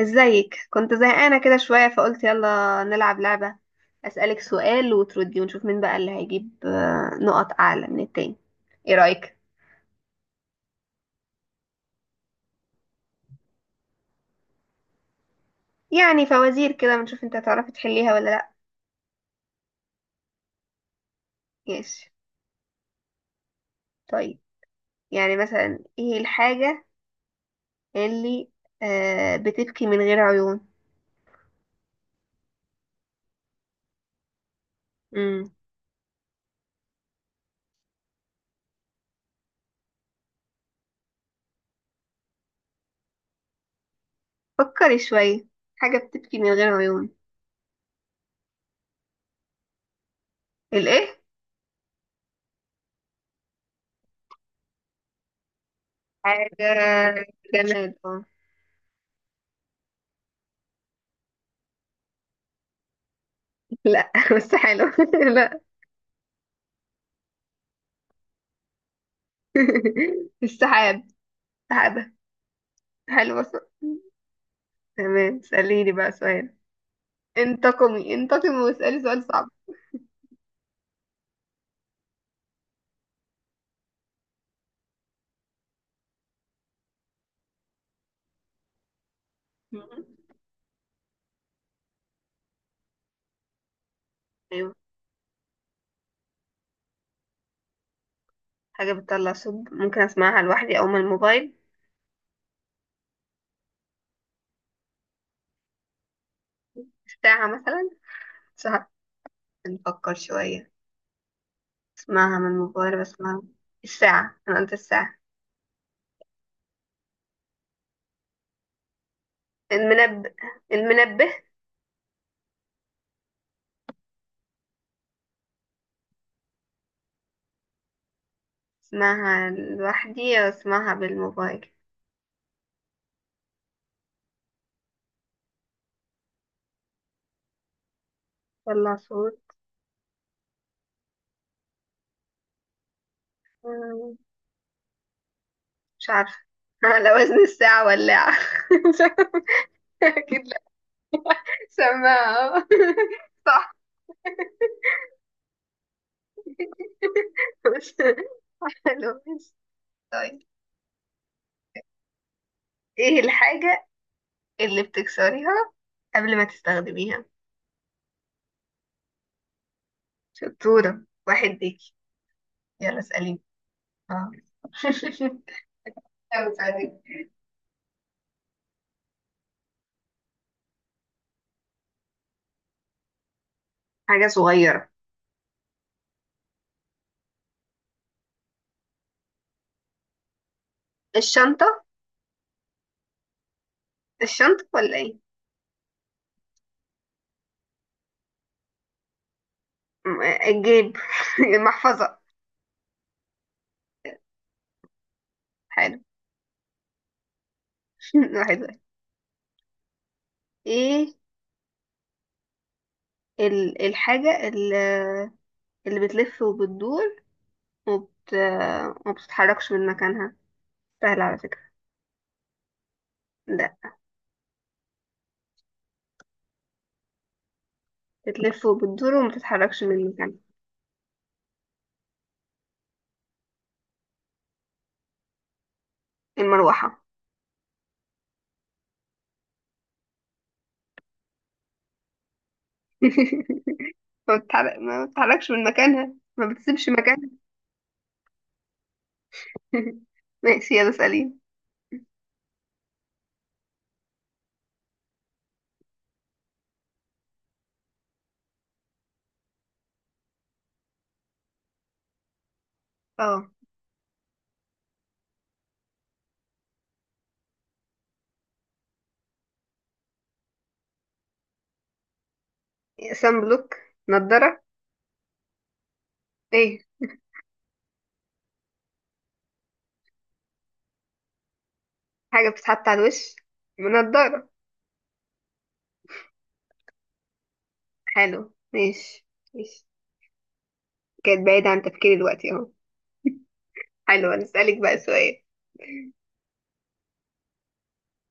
ازيك؟ كنت زهقانة كده شوية، فقلت يلا نلعب لعبة. أسألك سؤال وتردي ونشوف مين بقى اللي هيجيب نقط أعلى من التاني. ايه رأيك؟ يعني فوازير كده، ونشوف انت هتعرفي تحليها ولا لأ. ماشي. طيب. يعني مثلا، ايه الحاجة اللي بتبكي من غير عيون؟ امم فكري شوية. حاجة بتبكي من غير عيون. الايه؟ حاجة جماد. اه. لا. بس حلو. لا. السحاب. سحابة. حلوة، صح. تمام، اسأليني بقى سؤال. انتقمي انتقمي واسألي سؤال صعب. مهم. ايوه. حاجة بتطلع صوت، ممكن اسمعها لوحدي او من الموبايل. الساعة مثلا. ساعة. نفكر شوية. اسمعها من الموبايل بسمعها. الساعة، انا قلت الساعة. المنبه. المنبه. اسمعها لوحدي او اسمعها بالموبايل. طلع صوت. مم، مش عارفة. على وزن الساعة، ولاعة. مش عارفة. أكيد لا. سماعة. صح. بس حلو. ماشي. طيب. ايه الحاجة اللي بتكسريها قبل ما تستخدميها؟ شطورة، واحد ليكي. يلا اسأليني. اه. يلا اسأليني. حاجة صغيرة. الشنطة. الشنطة ولا ايه؟ الجيب. المحفظة. حلو. واحد واحد. ايه الحاجة اللي، اللي بتلف وبتدور وبت... وما بتتحركش من مكانها؟ سهل على فكرة. لا. بتلف وبتدور وما بتتحركش من مكانها. المروحة. ما بتتحرك، ما بتتحركش من مكانها، ما بتسيبش مكانها. ماشي، يلا سألين. اه. سان بلوك. نضارة. ايه. حاجة بتتحط على الوش. نضارة. حلو، ماشي. ماشي. كانت بعيدة عن تفكيري دلوقتي اهو. حلو، هنسألك بقى سؤال.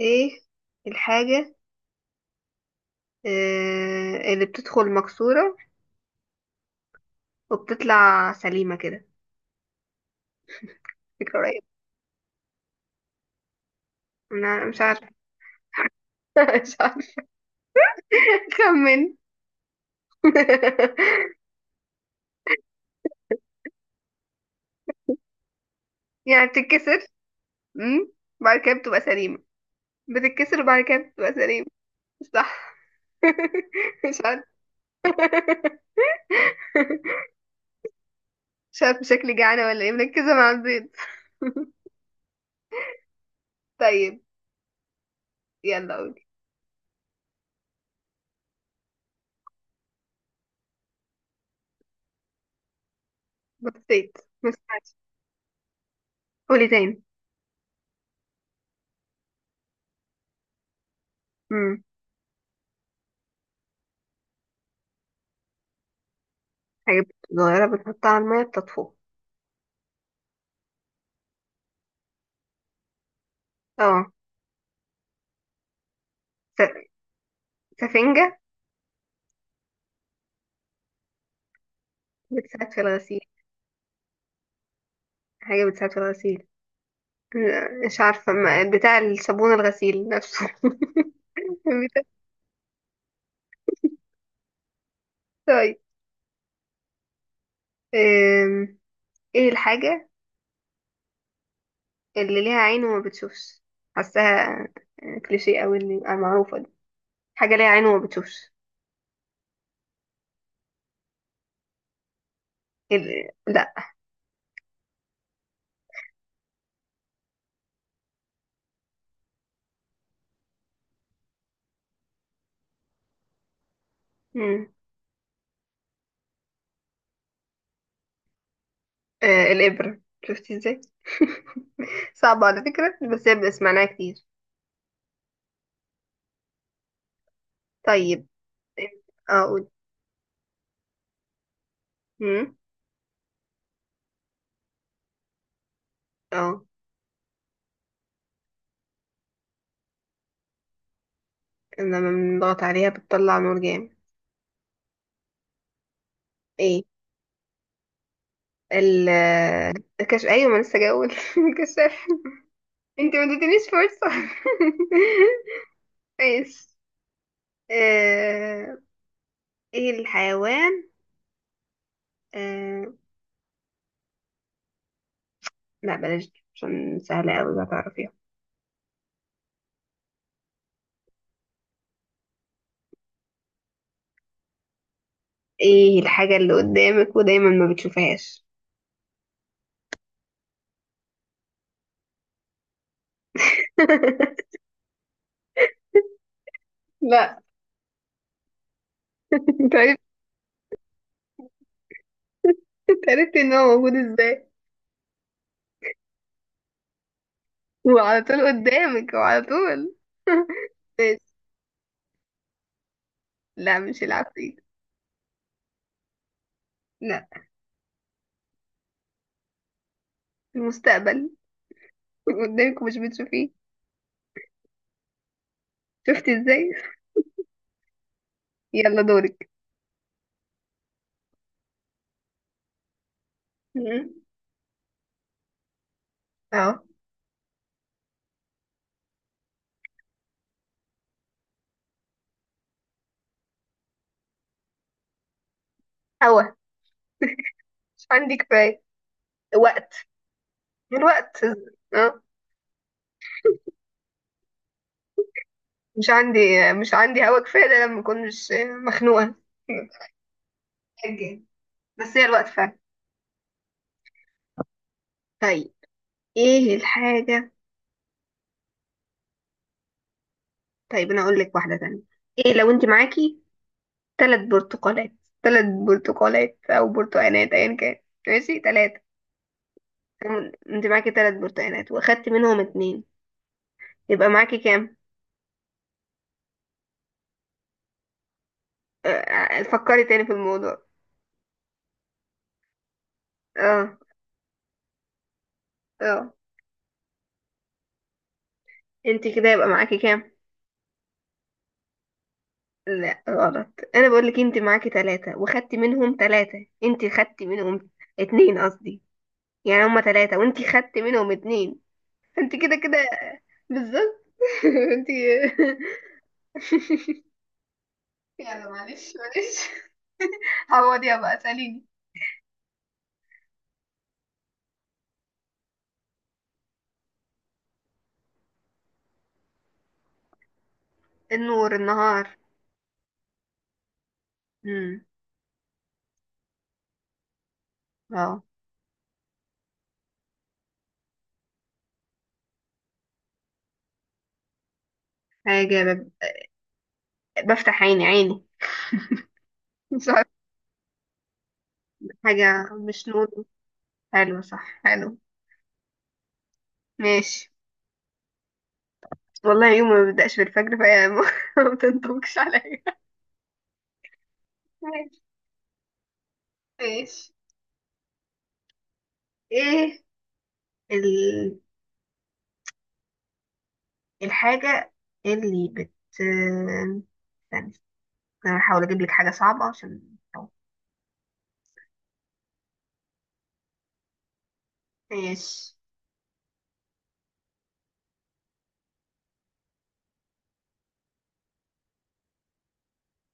ايه الحاجة اللي بتدخل مكسورة وبتطلع سليمة كده؟ فكرة قريبة. انا مش عارفة. مش عارفة. خمن. يعني بتتكسر. امم وبعد كده بتبقى سليمة. بتتكسر وبعد كده بتبقى سليمة. صح. مش عارف. مش عارف، شكلي جعانة ولا ايه، مركزة مع البيض. طيب. يلا قولي. بطيت. ما سمعتش. قولي تاني. امم حاجة صغيرة بتحطها على المية بتطفو. اه. س- سفنجة. بتساعد في الغسيل. حاجة بتساعد في الغسيل. لا، مش عارفة، بتاع الصابون، الغسيل نفسه. بتاع- طيب. أم، ايه الحاجة اللي ليها عين وما بتشوفش؟ حاساها كليشيه قوي اللي المعروفه دي. حاجه ليها عين وما بتشوفش. لا. مم. الابره، شفتي ازاي؟ صعبه على فكره، بس هي سمعناها كتير. طيب. اه، قول. مم. اه. لما بنضغط عليها بتطلع نور جامد. ايه ال الكشف، ايوه، ما لسه جاول. الكشاف. انت ما اديتنيش فرصه. ماشي. آه، ايه الحيوان؟ آه... لا بلاش دي، عشان سهلة أوي هتعرفيها. ايه الحاجة اللي قدامك ودايما ما بتشوفهاش؟ لا. انت عرفت. انت عرفت ان هو موجود ازاي؟ وعلى طول قدامك، وعلى طول. ماشي. لا مش العفريت. لا. المستقبل. قدامك ومش بتشوفيه. شفتي ازاي؟ يلا دورك. مم. اه. هوا. مش عندي كفاية. وقت. الوقت. اه. مش عندي مش عندي هوا كفاية، ده لما اكون مش مخنوقة. حاجة. بس هي الوقت فعلا. طيب. ايه الحاجة. طيب انا اقول لك واحدة تانية. ايه لو انت معاكي ثلاث برتقالات؟ ثلاث برتقالات او برتقانات ايا كان. ماشي، ثلاثة. انت معاكي ثلاث برتقانات واخدتي منهم اتنين، يبقى معاكي كام؟ فكري تاني في الموضوع. اه. اه. انت كده يبقى معاكي كام؟ لا، غلط. انا بقول لك انت معاكي ثلاثة واخدتي منهم ثلاثة، انت خدتي منهم اتنين قصدي، يعني هما ثلاثة وانت خدتي منهم اتنين. انت كده كده، بالظبط. انت، يلا معلش معلش. عوضيها بقى، ساليني. النور، النهار. امم. اه. حاجة بفتح عيني عيني. مش عارفة. حاجة مش نور. حلو، صح حلو. ماشي. والله يوم ما بيبدأش بالفجر فهي ما تنطبقش عليا. ماشي. ماشي. ايه ال... الحاجة اللي بت استنى. انا هحاول اجيب لك حاجة صعبة عشان. ماشي.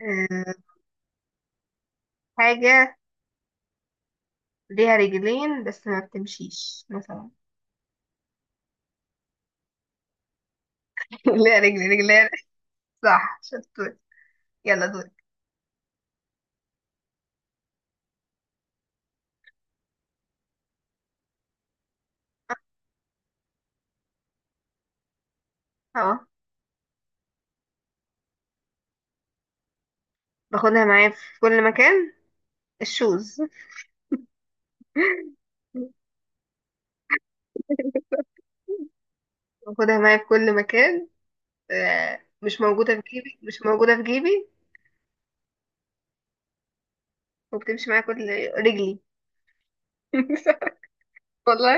آه، حاجة ليها رجلين بس ما بتمشيش مثلا. ليها رجل، رجلين. صح، شطور. يلا دورك. اه. باخدها معايا في كل مكان. الشوز. باخدها معايا في كل مكان. مش موجودة في جيبي، مش موجودة في جيبي. وبتمشي معايا كل. رجلي. والله،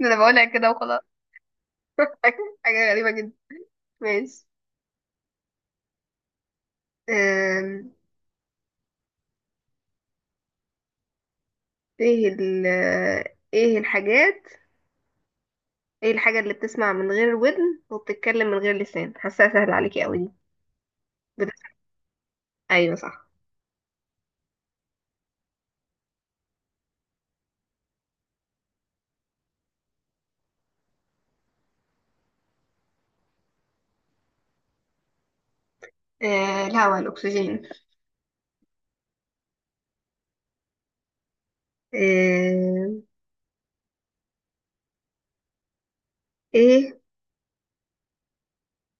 ده انا بقولها كده وخلاص. حاجة غريبة جدا. ماشي. آم، ايه ال ايه الحاجات ايه الحاجة اللي بتسمع من غير ودن وبتتكلم من غير لسان؟ حاساها سهلة عليكي قوي دي. بت- ايوه صح. الهوا، الاكسجين. آه ايه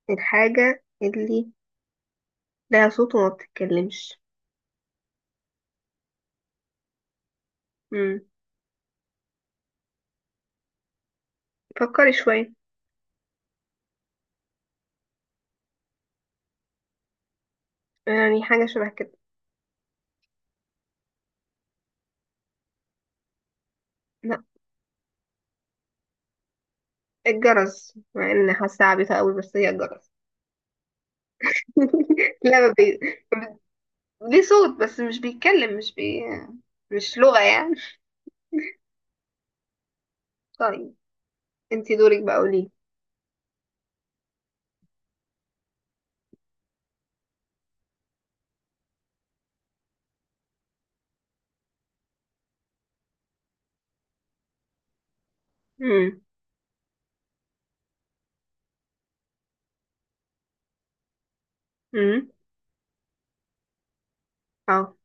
الحاجة اللي لها صوت وما بتتكلمش؟ مم. فكري شوية. يعني حاجة شبه كده. لا. الجرس، مع ان حاسة عبيطة قوي بس هي الجرس. لا، ما بي... ما بي- ليه صوت بس مش بيتكلم، مش لغة يعني. طيب، انتي دورك بقى، قولي. امم. امم. اه.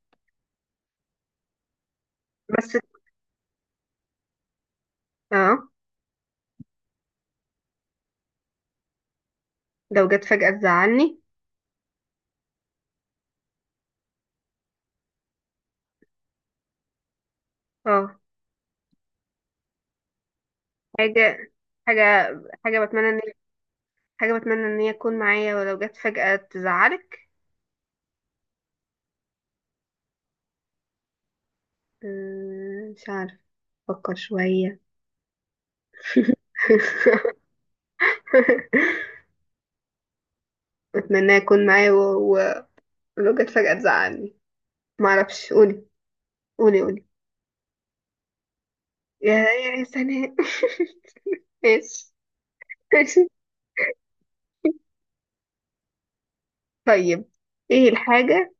بس اه، لو جت فجأة تزعلني. اه. حاجة حاجة حاجة بتمنى ان. حاجة بتمنى ان هي تكون معايا ولو جت فجأة تزعلك. مش عارف، افكر شوية. بتمنى يكون معايا ولو جت فجأة تزعلني. معرفش، قولي قولي قولي. يا سناء. ماشي. ماشي. طيب. ايه الحاجة.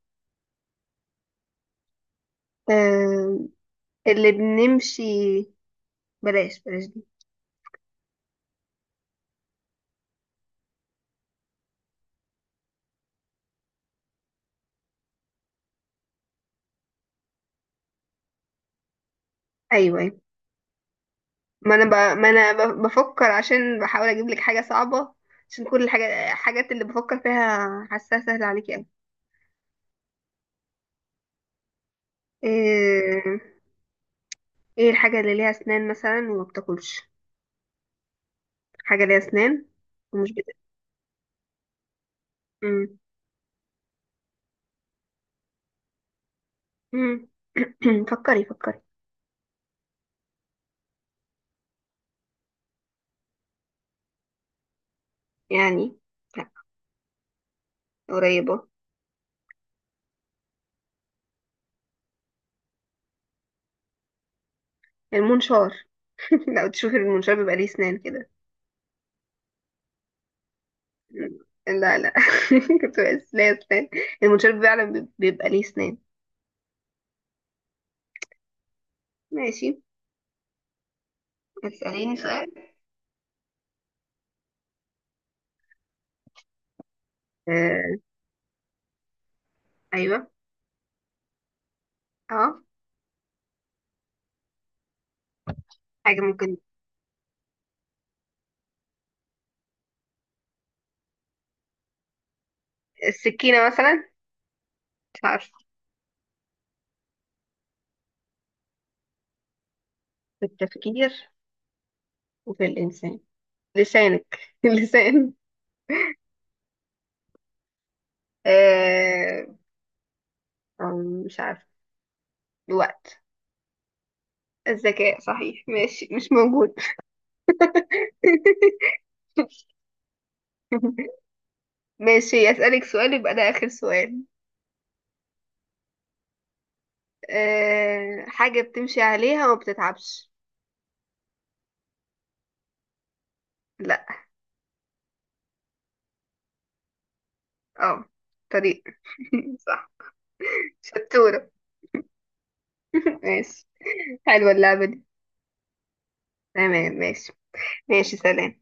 آم، اللي بنمشي. بلاش بلاش دي. ايوه، أيوة. ما انا ب... ما انا ب... بفكر عشان بحاول اجيب لك حاجه صعبه، عشان كل الحاجات اللي بفكر فيها حاساها سهله عليكي قوي. ايه. ايه الحاجه اللي ليها اسنان مثلا وما بتاكلش؟ حاجه ليها اسنان ومش بت... مم. مم. فكري فكري. يعني. لا، قريبه. المنشار. لو تشوفي المنشار بيبقى ليه اسنان كده. لا لا. كنت بس ليه اسنان. المنشار فعلا بيبقى ليه اسنان. ماشي. هتسأليني سؤال. آه، ايوه. اه حاجة ممكن. السكينة مثلا؟ مش عارفة. في التفكير وفي الإنسان. لسانك. اللسان. آه... مش عارفة. الوقت. الذكاء، صحيح ماشي، مش موجود. ماشي، أسألك سؤال يبقى ده آخر سؤال. حاجة بتمشي عليها وما بتتعبش. لا. اه. طريق. صح، شطورة. ماشي. حلوة اللعبة دي. تمام، ماشي. ماشي، سلام.